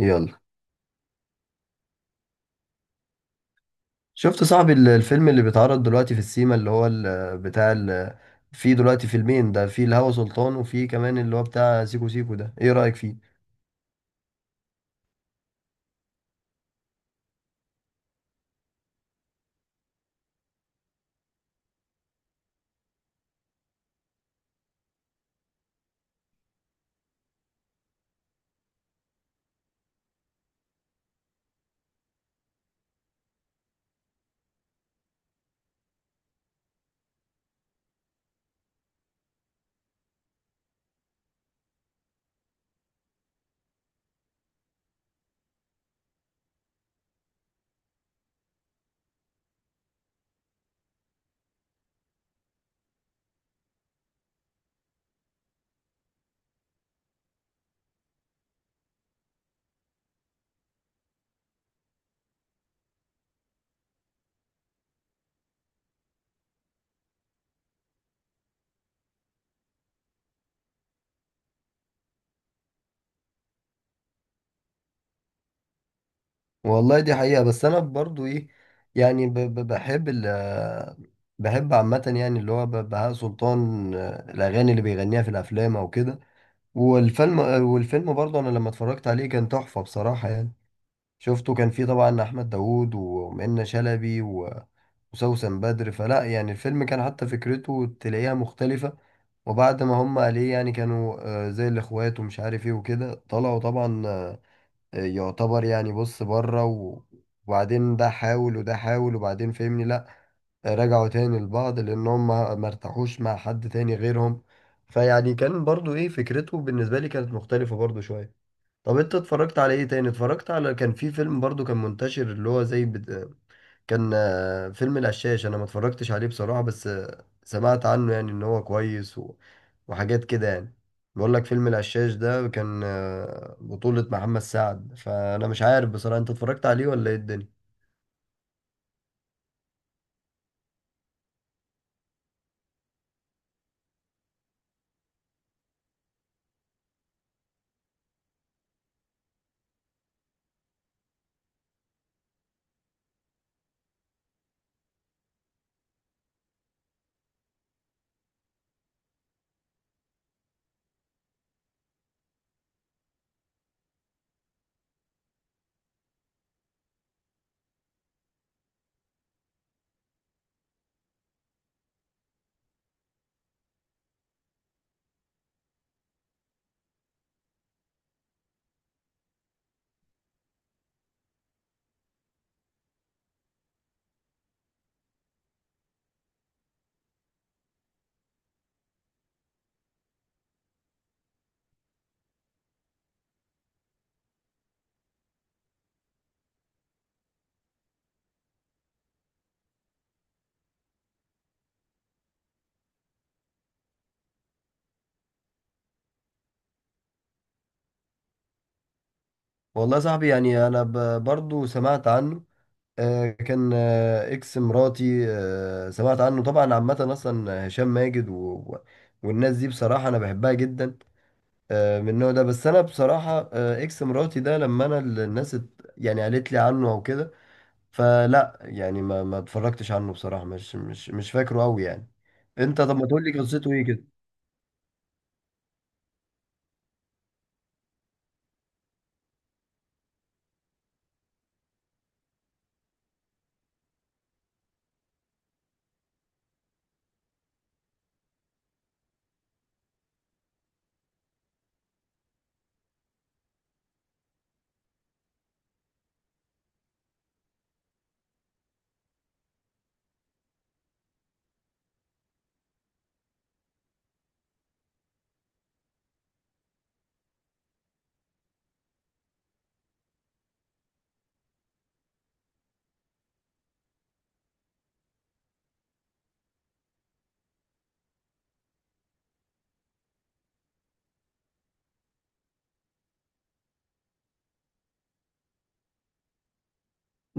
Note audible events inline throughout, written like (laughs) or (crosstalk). يلا، شفت صاحبي الفيلم اللي بيتعرض دلوقتي في السيما اللي هو في دلوقتي فيلمين؟ ده في الهوى سلطان وفي كمان اللي هو بتاع سيكو سيكو، ده ايه رأيك فيه؟ والله دي حقيقة، بس انا برضو ايه يعني بحب بحب عامة يعني اللي هو بهاء سلطان. الأغاني اللي بيغنيها في الأفلام أو كده، والفيلم برضه أنا لما اتفرجت عليه كان تحفة بصراحة يعني. شفته، كان فيه طبعا احمد داوود ومنة شلبي وسوسن بدر، فلا يعني الفيلم كان حتى فكرته تلاقيها مختلفة. وبعد ما هم عليه يعني كانوا زي الاخوات ومش عارف ايه وكده، طلعوا طبعا يعتبر يعني بص بره وبعدين ده حاول وده حاول، وبعدين فهمني لا، رجعوا تاني لبعض لان هم ما ارتاحوش مع حد تاني غيرهم. فيعني كان برضو ايه، فكرته بالنسبة لي كانت مختلفة برضو شوية. طب انت اتفرجت على ايه تاني؟ اتفرجت على، كان في فيلم برضو كان منتشر اللي هو زي بت... كان فيلم القشاش، انا ما اتفرجتش عليه بصراحة، بس سمعت عنه يعني ان هو كويس و... وحاجات كده يعني. بقول لك فيلم القشاش ده كان بطولة محمد سعد، فانا مش عارف بصراحة، انت اتفرجت عليه ولا ايه الدنيا؟ والله يا صاحبي يعني انا ب... برضو سمعت عنه. كان اكس مراتي، سمعت عنه طبعا. عامة اصلا هشام ماجد والناس دي بصراحة انا بحبها جدا، من النوع ده. بس انا بصراحه اكس مراتي ده لما انا الناس ات- يعني قالت لي عنه او كده، فلا يعني ما اتفرجتش عنه بصراحه، مش فاكره قوي يعني. انت طب ما تقول لي قصته ايه كده؟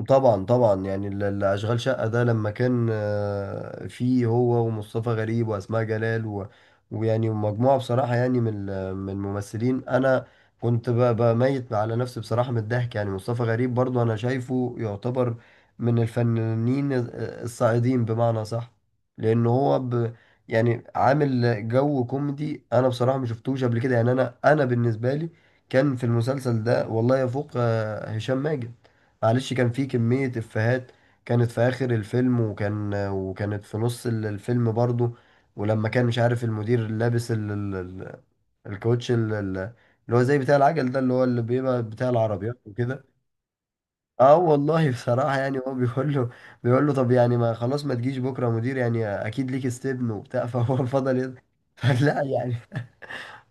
طبعا طبعا يعني اشغال شقة ده لما كان فيه هو ومصطفى غريب واسماء جلال و... ويعني مجموعة بصراحة يعني من من الممثلين، انا كنت بميت على نفسي بصراحة من الضحك يعني. مصطفى غريب برضو انا شايفه يعتبر من الفنانين الصاعدين بمعنى صح، لان هو ب... يعني عامل جو كوميدي انا بصراحة ما شفتوش قبل كده يعني. انا بالنسبة لي كان في المسلسل ده والله يفوق هشام ماجد، معلش. كان في كمية إفيهات كانت في آخر الفيلم، وكانت في نص الفيلم برضو. ولما كان مش عارف المدير لابس الكوتش اللي هو زي بتاع العجل ده، اللي هو اللي بيبقى بتاع العربيات وكده. اه والله بصراحة يعني هو بيقول له، بيقول له: طب يعني ما خلاص ما تجيش بكرة يا مدير، يعني أكيد ليك استبن وبتاع. فهو (laughs) فضل يد... فلا يعني،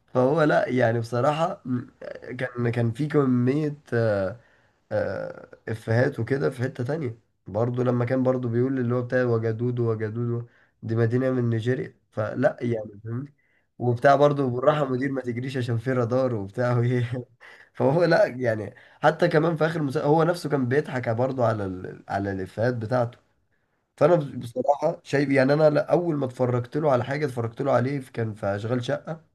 فهو لا يعني بصراحة م- كان في كمية افيهات وكده. في حتة تانية برضو لما كان برضو بيقول اللي هو بتاع وجدود وجدود، دي مدينة من نيجيريا، فلا يعني فاهمني. وبتاع برضو بالراحة مدير ما تجريش عشان في رادار وبتاع وايه (laughs) فهو لا يعني. حتى كمان في آخر المسلسل هو نفسه كان بيضحك برضو على على الافيهات بتاعته. فانا بصراحة شايف يعني انا لا، اول ما اتفرجت له على حاجة اتفرجت له عليه كان في اشغال شقة.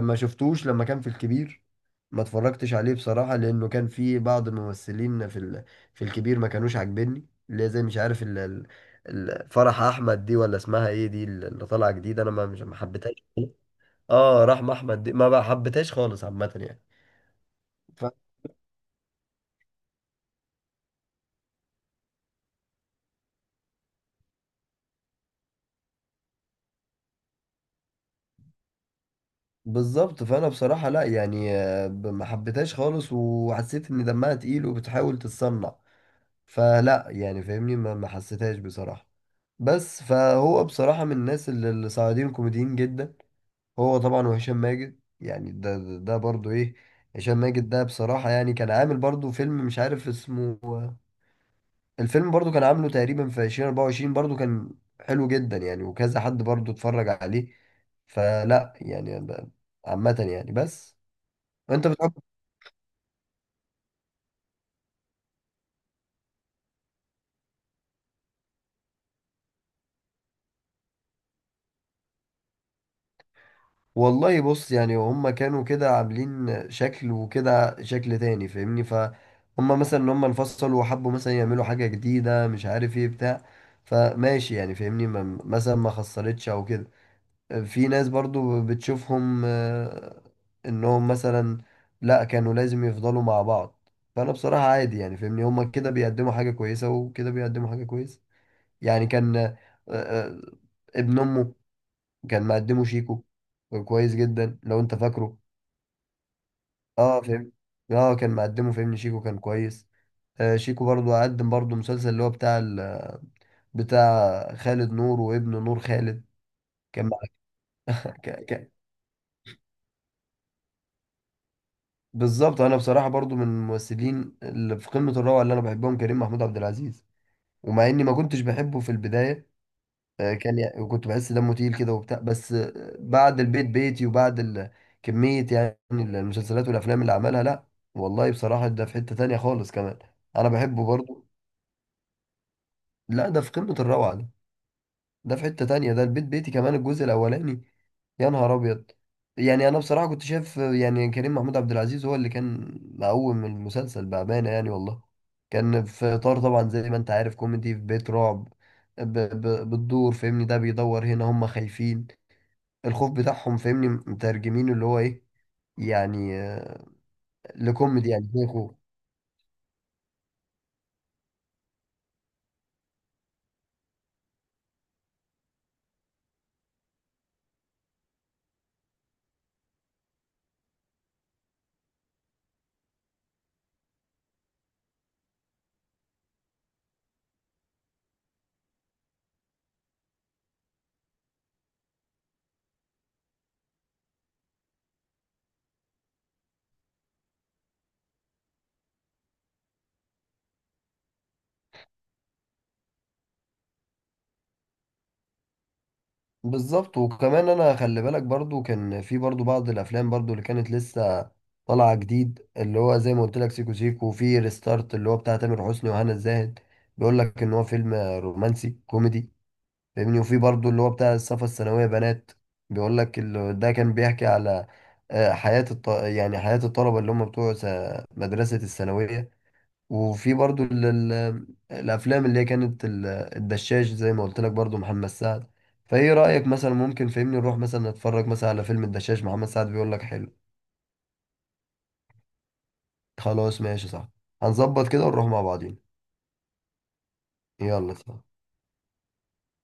ما شفتوش لما كان في الكبير؟ ما اتفرجتش عليه بصراحة لأنه كان في بعض الممثلين في في الكبير ما كانوش عاجبني اللي هي زي مش عارف فرح أحمد دي، ولا اسمها إيه دي اللي طالعة جديد، أنا ما حبيتهاش. آه رحمة أحمد دي ما بقى حبيتهاش خالص عامة يعني. ف... بالظبط، فأنا بصراحة لا يعني ما حبيتهاش خالص وحسيت إن دمها تقيل وبتحاول تتصنع. فلا يعني فاهمني، ما حسيتهاش بصراحة. بس فهو بصراحة من الناس اللي صاعدين كوميديين جدا، هو طبعا وهشام ماجد. يعني ده برضو ايه، هشام ماجد ده بصراحة يعني كان عامل برضو فيلم مش عارف اسمه. الفيلم برضو كان عامله تقريبا في 2024، برضو كان حلو جدا يعني، وكذا حد برضو اتفرج عليه. فلا يعني ب-، عامة يعني بس. انت بتحب؟ والله بص يعني هما كانوا كده عاملين شكل، وكده شكل تاني، فاهمني. فهم مثلا ان هم انفصلوا وحبوا مثلا يعملوا حاجة جديدة مش عارف ايه بتاع، فماشي يعني فاهمني، ما- مثلا ما خسرتش او كده. في ناس برضو بتشوفهم انهم مثلا لا، كانوا لازم يفضلوا مع بعض. فانا بصراحة عادي يعني فاهمني، هما كده بيقدموا حاجة كويسة وكده بيقدموا حاجة كويسة. يعني كان آه، ابن امه كان مقدمه شيكو، كان كويس جدا لو انت فاكره. اه فهمت، اه كان مقدمه فهمني شيكو كان كويس. آه شيكو برضو قدم برضو مسلسل اللي هو بتاع خالد نور وابن نور خالد، كان مع- ك... ك... بالظبط، انا بصراحة برضو من الممثلين اللي في قمة الروعة اللي انا بحبهم كريم محمود عبد العزيز. ومع اني ما كنتش بحبه في البداية، كان يعني وكنت بحس دمه تقيل كده وبتاع، بس بعد البيت بيتي وبعد كمية يعني المسلسلات والأفلام اللي عملها، لا والله بصراحة ده في حتة تانية خالص كمان. أنا بحبه برضو. لا ده في قمة الروعة ده، ده في حتة تانية ده البيت بيتي كمان الجزء الأولاني، يا نهار أبيض. يعني أنا بصراحة كنت شايف يعني كريم محمود عبد العزيز هو اللي كان مقوم المسلسل بأمانة يعني والله. كان في إطار طبعا زي ما أنت عارف كوميدي في بيت رعب، بتدور فاهمني، ده بيدور هنا هم خايفين، الخوف بتاعهم فاهمني مترجمينه اللي هو ايه يعني، لكوميدي يعني زي خوف. بالظبط. وكمان انا خلي بالك برضو كان في برضو بعض الافلام برضو اللي كانت لسه طالعه جديد، اللي هو زي ما قلت لك سيكو سيكو، وفي ريستارت اللي هو بتاع تامر حسني وهنا الزاهد، بيقول لك ان هو فيلم رومانسي كوميدي فاهمني. وفي برضو اللي هو بتاع الصفا الثانويه بنات، بيقول لك ال- ده كان بيحكي على حياه الط... يعني حياه الطلبه اللي هم بتوع س- مدرسه الثانويه. وفي برضو الافلام اللي هي كانت الدشاش زي ما قلت لك، برضو محمد سعد. فايه رايك مثلا ممكن فهمني نروح مثلا نتفرج مثلا على فيلم الدشاش محمد سعد؟ بيقول لك حلو. خلاص ماشي صح، هنظبط كده ونروح مع بعضين. يلا صح.